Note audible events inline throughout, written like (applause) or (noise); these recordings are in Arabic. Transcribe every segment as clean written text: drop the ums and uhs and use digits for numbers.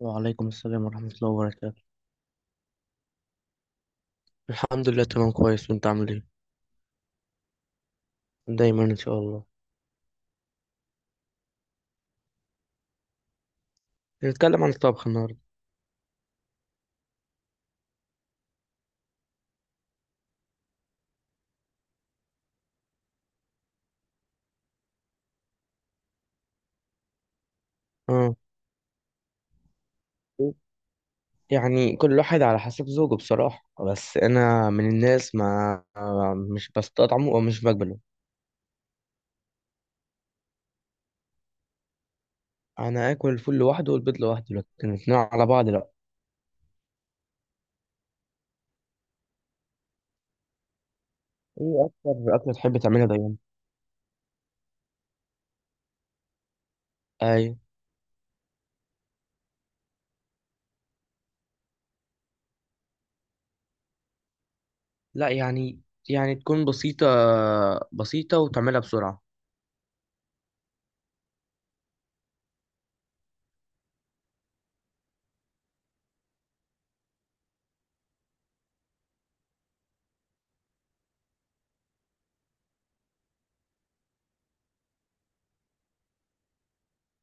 وعليكم السلام ورحمة الله وبركاته. الحمد لله تمام كويس، وانت عامل ايه؟ دايما ان شاء الله. نتكلم عن الطبخ النهاردة. اه، يعني كل واحد على حسب ذوقه بصراحة، بس انا من الناس ما مش بستطعمه او مش بقبله. انا اكل الفول لوحده والبيض لوحده، لكن الاتنين على بعض لا. ايه اكتر اكلة تحب تعملها دايما؟ اي. لا يعني، يعني تكون بسيطة، بسيطة وتعملها بسرعة.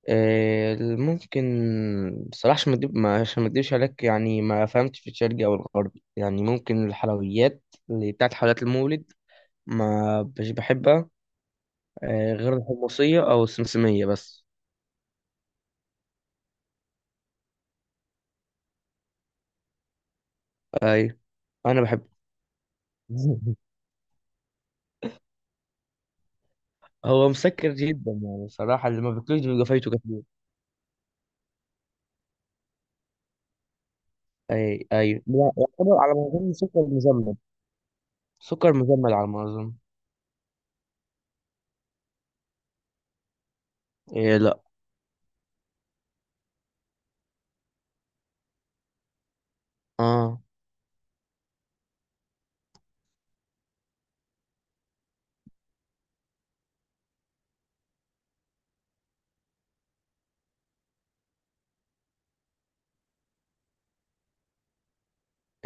ممكن. بصراحة عشان ما أكدب- ما- عشان ما اكدبش عليك، يعني ما فهمتش في الشرقي او الغربي. يعني ممكن الحلويات اللي بتاعت حلويات المولد ما مش بحبها. غير الحمصية او السمسمية بس. اي، انا بحب. (laughs) هو مسكر جدا يعني بصراحة، اللي ما بياكلوش بيبقى فايته كتير. اي اي. لا، يعتبر على ما اظن سكر مجمد. سكر مجمد على ما اظن. إيه لا. اه.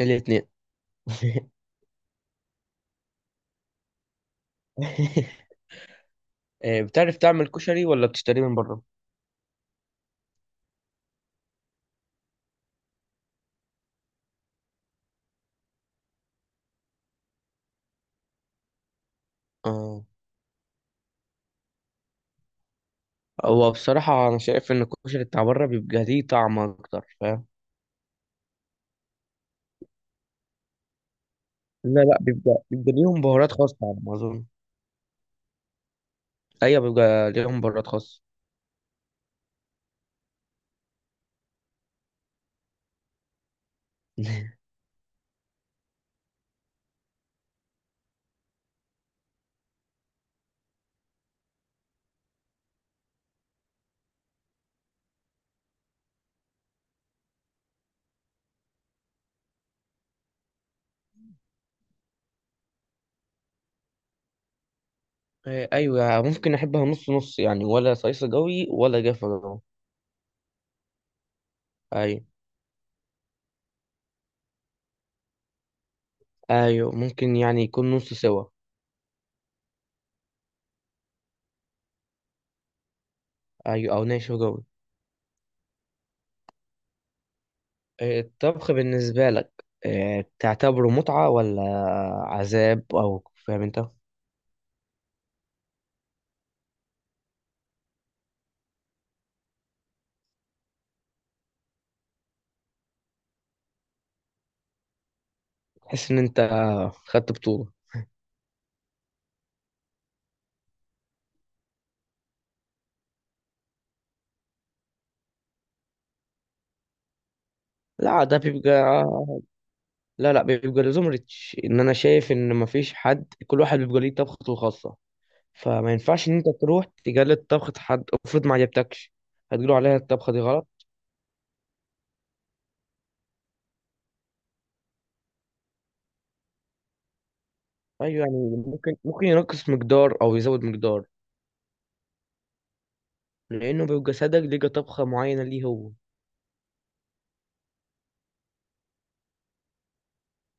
الاتنين. (laughs) إيه، بتعرف تعمل كشري ولا بتشتريه من بره؟ اه. هو بصراحة أنا شايف إن الكشري بتاع بره بيبقى ليه طعم أكتر، فاهم؟ لا لا، بيبقى ليهم بهارات خاصة على ما أظن. أيوة، بيبقى ليهم بهارات خاصة. (laughs) إيه، أيوة يعني ممكن أحبها نص نص، يعني ولا صيصة جوي ولا جافة جوي. أيوة. أيوة ممكن، يعني يكون نص سوا. أيوة، أو ناشف جوي. إيه، الطبخ بالنسبة لك إيه، تعتبره متعة ولا عذاب، أو فاهم أنت. تحس إن أنت خدت بطولة. لا ده بيبقى، لا بيبقى لازم ريتش، ان انا شايف ان مفيش حد، كل واحد بيبقى ليه طبخته الخاصه. فما ينفعش ان انت تروح تجلد طبخه حد افرض ما عجبتكش. هتقولوا عليها الطبخه دي غلط. ايوه يعني، ممكن ينقص مقدار او يزود مقدار. لانه بيبقى صدق لقى طبخه معينه ليه هو.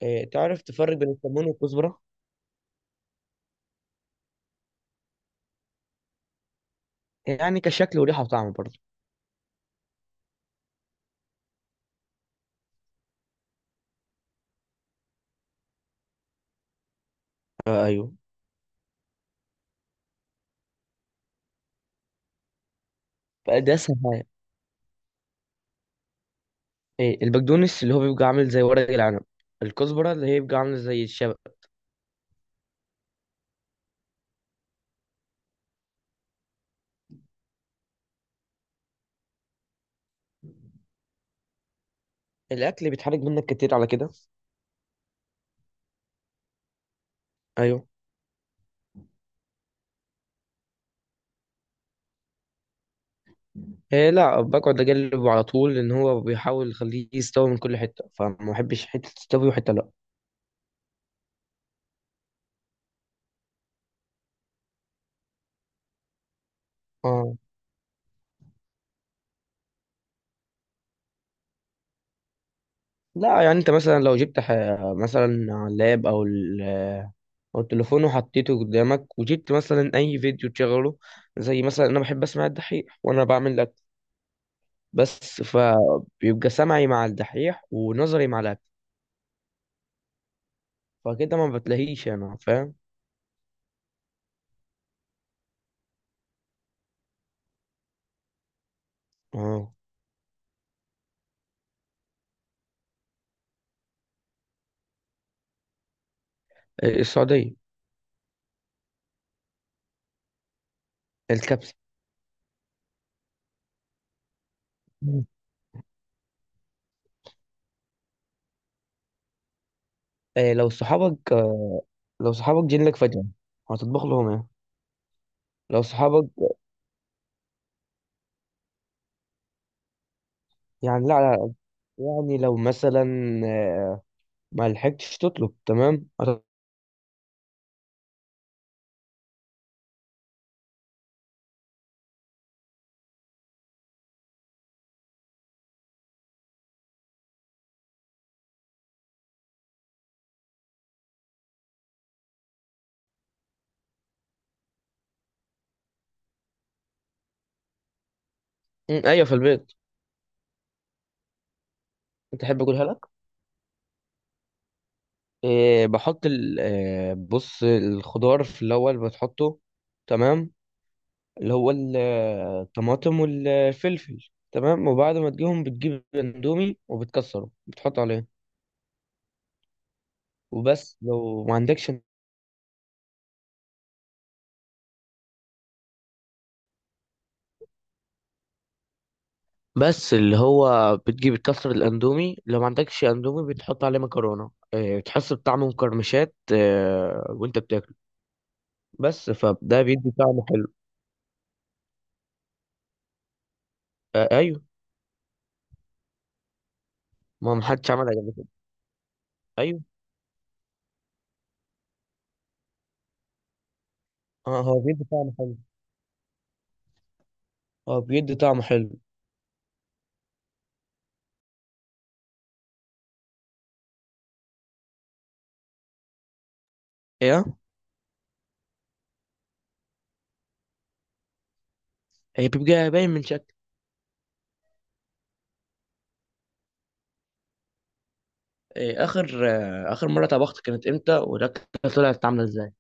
إيه، تعرف تفرق بين الكمون والكزبره؟ يعني كشكل وريحه وطعم برضه. آه ايوه. بقى ده اسهل حاجه. إيه، البقدونس اللي هو بيبقى عامل زي ورق العنب، الكزبره اللي هي بيبقى عامله زي الشبت. الاكل بيتحرق منك كتير على كده؟ ايوه. إيه لا، بقعد اجلبه على طول، لان هو بيحاول يخليه يستوي من كل حته، فما بحبش حته تستوي وحته لا. اه. لا يعني انت مثلا لو جبت ح... مثلا على اللاب او ال... او التليفون، وحطيته قدامك وجبت مثلا اي فيديو تشغله، زي مثلا انا بحب اسمع الدحيح وانا بعمل اكل. بس فبيبقى سمعي مع الدحيح ونظري مع الاكل. فكده ما بتلاقيش، انا فاهم. اه. إيه السعوديه. الكبسه. مم. إيه لو صحابك، لو صحابك جيلك فجاه، هتطبخ لهم إيه؟ لو صحابك، يعني لا لا، يعني لو مثلا، آه، ما لحقتش تطلب، تمام ايوه في البيت. انت تحب اقولها لك؟ إيه، بحط بص الخضار في الاول بتحطه، تمام، اللي هو الطماطم والفلفل، تمام، وبعد ما تجيهم بتجيب اندومي وبتكسره بتحط عليه. وبس لو ما عندكش، بس اللي هو بتجيب تكسر الاندومي، لو ما عندكش اندومي بتحط عليه مكرونه. بتحس بطعم مقرمشات وانت بتاكل. بس فده بيدي طعم حلو. ايوه. ما محدش عملها قبل كده. ايوه. اه هو بيدي طعم حلو. هو بيدي طعم حلو. ايه. هي بيبقى باين من شكل. إيه، اخر اخر مره طبخت كانت امتى، والاكله طلعت عامله ازاي؟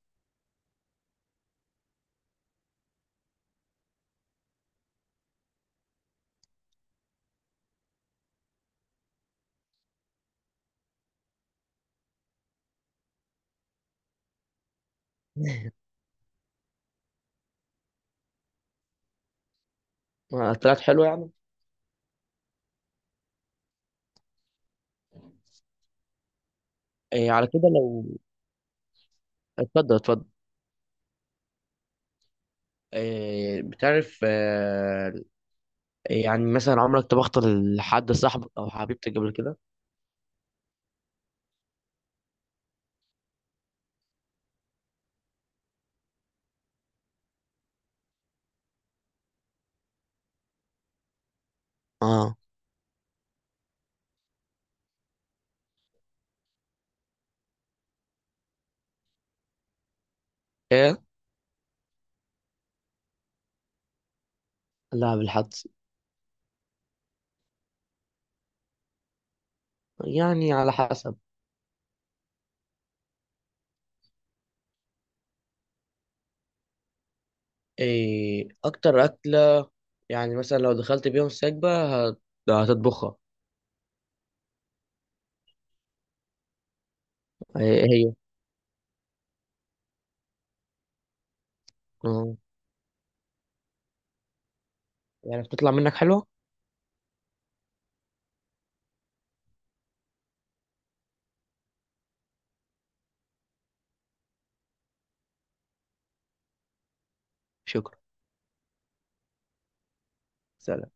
طلعت حلوه يعني. إيه على كده لو، اتفضل اتفضل. إيه، بتعرف يعني مثلا عمرك طبخت لحد صاحبك او حبيبتك قبل كده؟ اه. ايه. لا، بالحدس. يعني على حسب. ايه اكتر اكله، يعني مثلا لو دخلت بيهم سكبه، هت- هتطبخها؟ إيه هي؟ آه. يعني بتطلع منك حلوه. شكرا. سلام.